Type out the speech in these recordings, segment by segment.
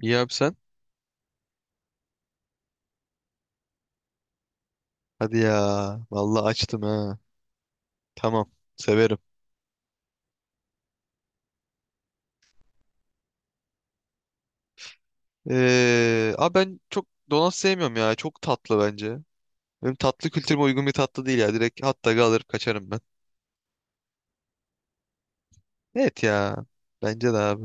İyi abi sen? Hadi ya. Vallahi açtım ha. Tamam. Severim. Abi ben çok donat sevmiyorum ya. Çok tatlı bence. Benim tatlı kültürüme uygun bir tatlı değil ya. Direkt hatta dog'ı alır kaçarım ben. Evet ya. Bence de abi.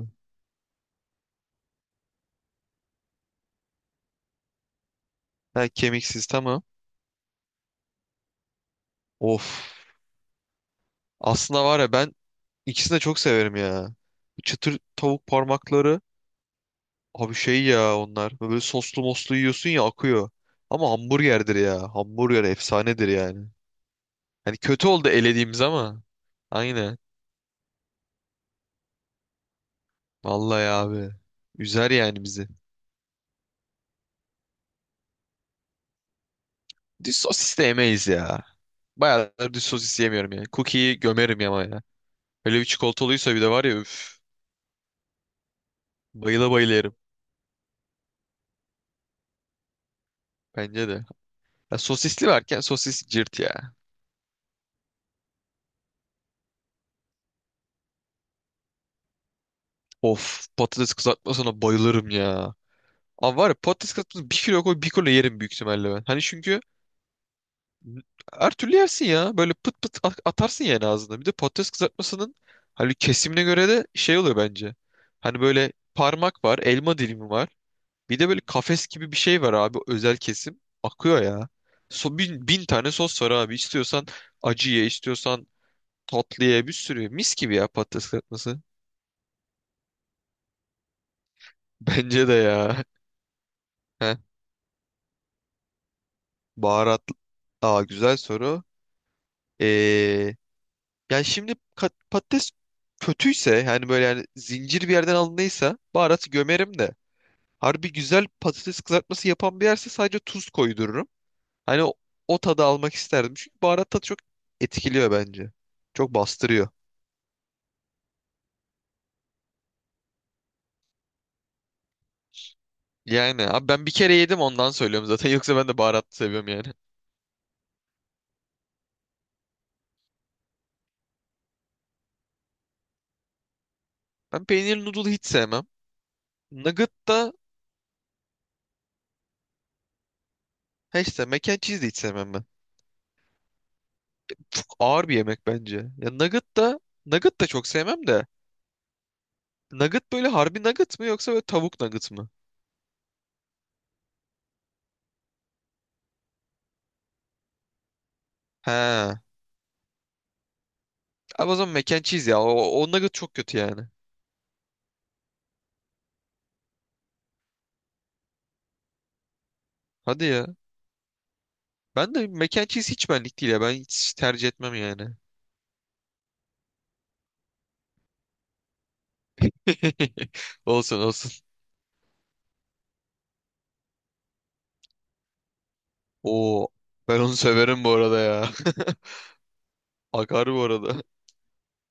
Ha, kemiksiz tamam. Of. Aslında var ya ben ikisini de çok severim ya. Çıtır tavuk parmakları. Abi şey ya onlar. Böyle soslu moslu yiyorsun ya akıyor. Ama hamburgerdir ya. Hamburger efsanedir yani. Hani kötü oldu elediğimiz ama. Aynen. Vallahi abi. Üzer yani bizi. Düz sosis de yemeyiz ya. Bayağıdır düz sosis yemiyorum yani. Cookie'yi gömerim ama ya. Öyle bir çikolatalıysa bir de var ya üf. Bayıla bayıla yerim. Bence de. Ya sosisli varken sosis cırt ya. Of patates kızartmasına bayılırım ya. Abi var ya patates kızartması bir kilo koy bir kilo yerim büyük ihtimalle ben. Hani çünkü her türlü yersin ya. Böyle pıt pıt atarsın yani ağzına. Bir de patates kızartmasının hani kesimine göre de şey oluyor bence. Hani böyle parmak var, elma dilimi var. Bir de böyle kafes gibi bir şey var abi özel kesim. Akıyor ya. So, bin tane sos var abi. İstiyorsan acı ye, istiyorsan tatlı ye bir sürü. Mis gibi ya patates kızartması. Bence de ya. Heh, baharat. Aa güzel soru. Ee, yani şimdi patates kötüyse yani böyle yani zincir bir yerden alındıysa baharatı gömerim de. Harbi güzel patates kızartması yapan bir yerse sadece tuz koydururum. Hani o tadı almak isterdim. Çünkü baharat tadı çok etkiliyor bence. Çok bastırıyor. Yani abi ben bir kere yedim ondan söylüyorum zaten. Yoksa ben de baharatlı seviyorum yani. Ben peynirli noodle hiç sevmem. Nugget da ha işte mac and cheese de hiç sevmem ben. Çok ağır bir yemek bence. Ya nugget da çok sevmem de. Nugget böyle harbi nugget mı yoksa böyle tavuk nugget mı? He. Abi o zaman mac and cheese ya. O nugget çok kötü yani. Hadi ya. Ben de mac and cheese hiç benlik değil ya. Ben hiç tercih etmem yani. Olsun olsun. Oo ben onu severim bu arada ya. Akar bu arada.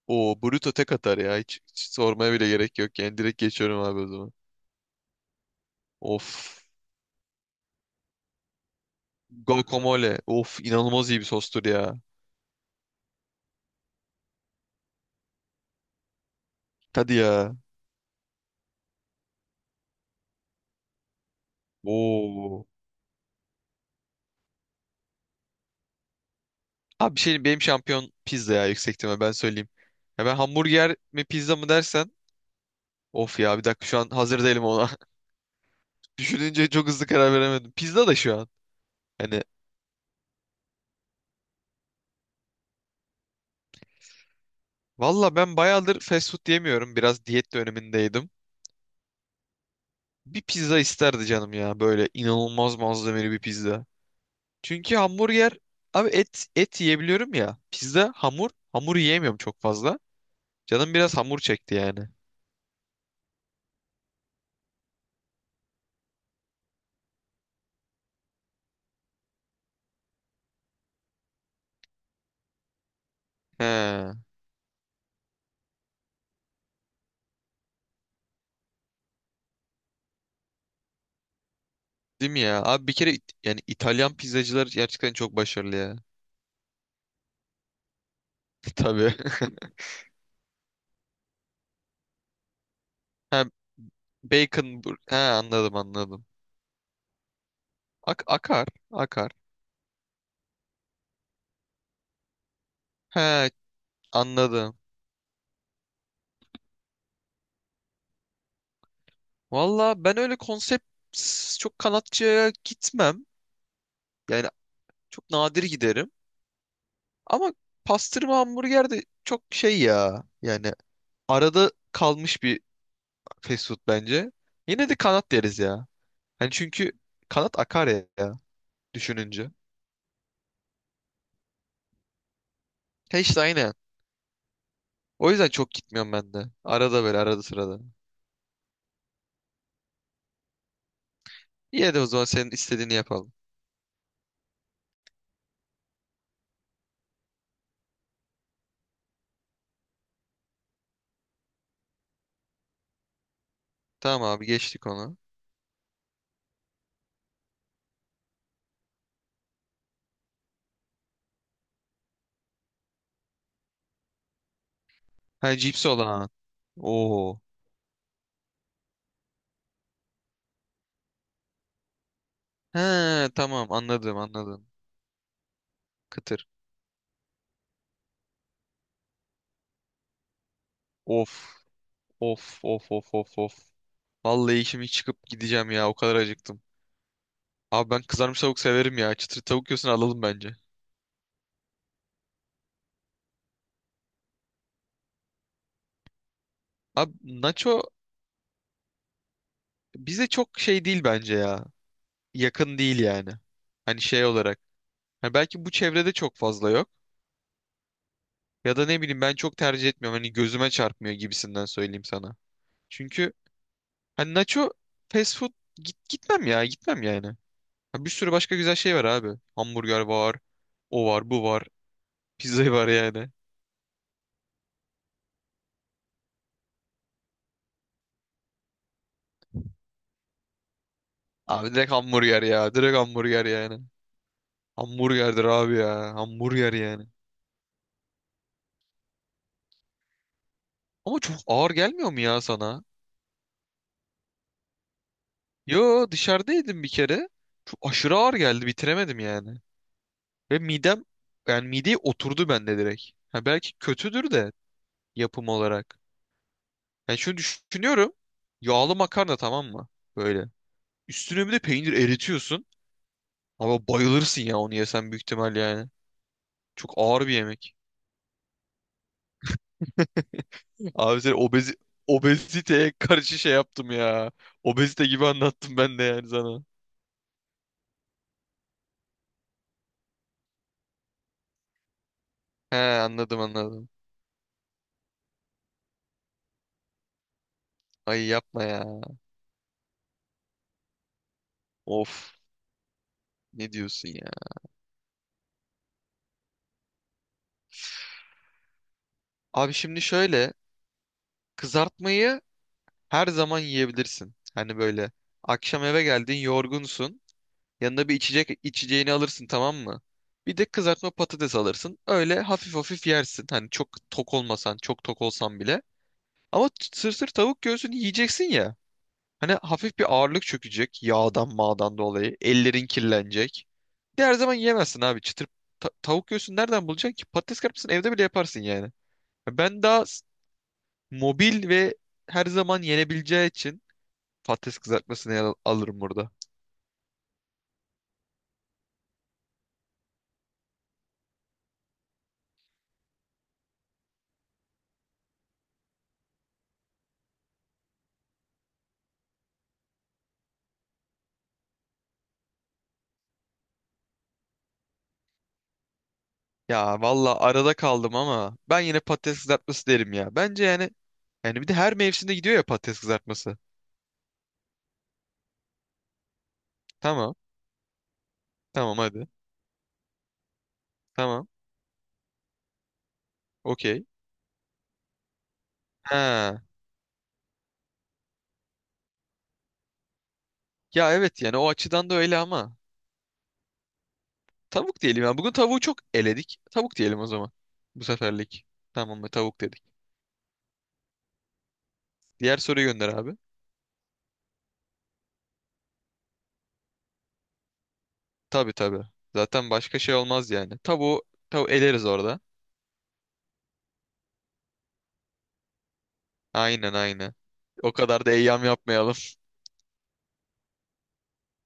Oo Bruto tek atar ya. Hiç sormaya bile gerek yok yani. Direkt geçiyorum abi o zaman. Of. Guacamole. Of inanılmaz iyi bir sostur ya. Hadi ya. Oo. Abi bir şey benim şampiyon pizza ya yüksek ihtimal ben söyleyeyim. Ya ben hamburger mi pizza mı dersen. Of ya bir dakika şu an hazır değilim ona. Düşününce çok hızlı karar veremedim. Pizza da şu an. Hani valla ben bayağıdır fast food yemiyorum. Biraz diyet dönemindeydim. Bir pizza isterdi canım ya böyle inanılmaz malzemeli bir pizza. Çünkü hamburger abi et et yiyebiliyorum ya. Pizza hamur hamur yiyemiyorum çok fazla. Canım biraz hamur çekti yani. He, değil mi ya? Abi bir kere yani İtalyan pizzacılar gerçekten çok başarılı ya. Tabii. Ha, he anladım anladım. Akar akar. He anladım. Valla ben öyle konsept çok kanatçıya gitmem. Yani çok nadir giderim. Ama pastırma hamburger de çok şey ya. Yani arada kalmış bir fast food bence. Yine de kanat deriz ya. Hani çünkü kanat akar ya, ya düşününce. He işte aynen. O yüzden çok gitmiyorum ben de. Arada böyle arada sırada. İyi de o zaman senin istediğini yapalım. Tamam abi geçtik onu. Ha cips olan. Oo. He tamam anladım anladım. Kıtır. Of of of of of of. Vallahi işimi çıkıp gideceğim ya o kadar acıktım. Abi ben kızarmış tavuk severim ya. Çıtır tavuk yiyorsun alalım bence. Abi nacho bize çok şey değil bence ya. Yakın değil yani. Hani şey olarak. Hani belki bu çevrede çok fazla yok. Ya da ne bileyim ben çok tercih etmiyorum. Hani gözüme çarpmıyor gibisinden söyleyeyim sana. Çünkü hani nacho fast food gitmem ya gitmem yani. Ha, bir sürü başka güzel şey var abi. Hamburger var. O var bu var. Pizza var yani. Abi direkt hamburger ya. Direkt hamburger yani. Hamburgerdir abi ya. Hamburger yani. Ama çok ağır gelmiyor mu ya sana? Yo dışarıdaydım bir kere. Çok aşırı ağır geldi bitiremedim yani. Ve midem yani mideye oturdu bende direkt. Ha, belki kötüdür de yapım olarak. Yani şunu düşünüyorum. Yağlı makarna tamam mı? Böyle. Üstüne bir de peynir eritiyorsun. Ama bayılırsın ya onu yesen büyük ihtimal yani. Çok ağır bir yemek. Abi sen obeziteye karşı şey yaptım ya. Obezite gibi anlattım ben de yani sana. He anladım anladım. Ay yapma ya. Of. Ne diyorsun ya? Abi şimdi şöyle kızartmayı her zaman yiyebilirsin. Hani böyle akşam eve geldin yorgunsun. Yanına bir içecek içeceğini alırsın tamam mı? Bir de kızartma patates alırsın. Öyle hafif hafif yersin. Hani çok tok olmasan çok tok olsan bile. Ama sır sır tavuk göğsünü yiyeceksin ya. Hani hafif bir ağırlık çökecek yağdan mağdan dolayı. Ellerin kirlenecek. Bir de her zaman yiyemezsin abi. Çıtır tavuk göğsünü nereden bulacaksın ki? Patates kızartmasını evde bile yaparsın yani. Ben daha mobil ve her zaman yenebileceği için patates kızartmasını alırım burada. Ya valla arada kaldım ama ben yine patates kızartması derim ya. Bence yani bir de her mevsimde gidiyor ya patates kızartması. Tamam. Tamam hadi. Tamam. Okey. Ha. Ya evet yani o açıdan da öyle ama tavuk diyelim ya. Bugün tavuğu çok eledik. Tavuk diyelim o zaman. Bu seferlik. Tamam mı? Tavuk dedik. Diğer soruyu gönder abi. Tabii tabii. Zaten başka şey olmaz yani. Tavuğu eleriz orada. Aynen aynen. O kadar da eyyam yapmayalım.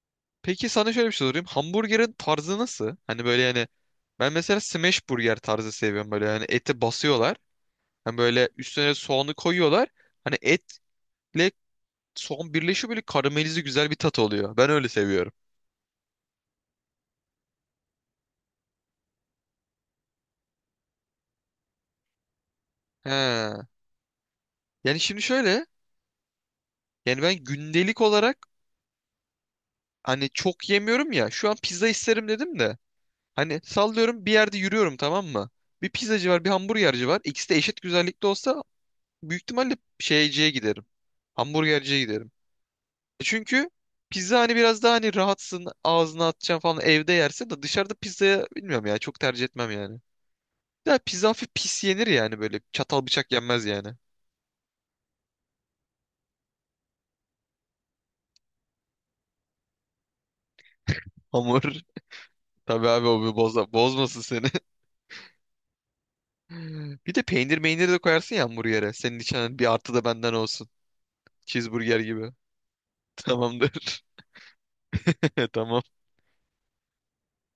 Peki sana şöyle bir şey sorayım. Hamburgerin tarzı nasıl? Hani böyle yani ben mesela smash burger tarzı seviyorum böyle. Hani eti basıyorlar. Hani böyle üstüne soğanı koyuyorlar. Hani etle soğan birleşiyor böyle karamelize güzel bir tat oluyor. Ben öyle seviyorum. He. Yani şimdi şöyle. Yani ben gündelik olarak hani çok yemiyorum ya. Şu an pizza isterim dedim de. Hani sallıyorum bir yerde yürüyorum tamam mı? Bir pizzacı var bir hamburgerci var. İkisi de eşit güzellikte olsa büyük ihtimalle şeyciye giderim. Hamburgerciye giderim. Çünkü pizza hani biraz daha hani rahatsın ağzına atacaksın falan evde yersin de dışarıda pizzaya bilmiyorum ya çok tercih etmem yani. Ya pizza hafif pis yenir yani böyle çatal bıçak yenmez yani. Hamur tabii abi o bir bozmasın seni. Bir de peynir meynir de koyarsın ya hamburgere. Senin için hani bir artı da benden olsun. Cheeseburger gibi. Tamamdır. Tamam.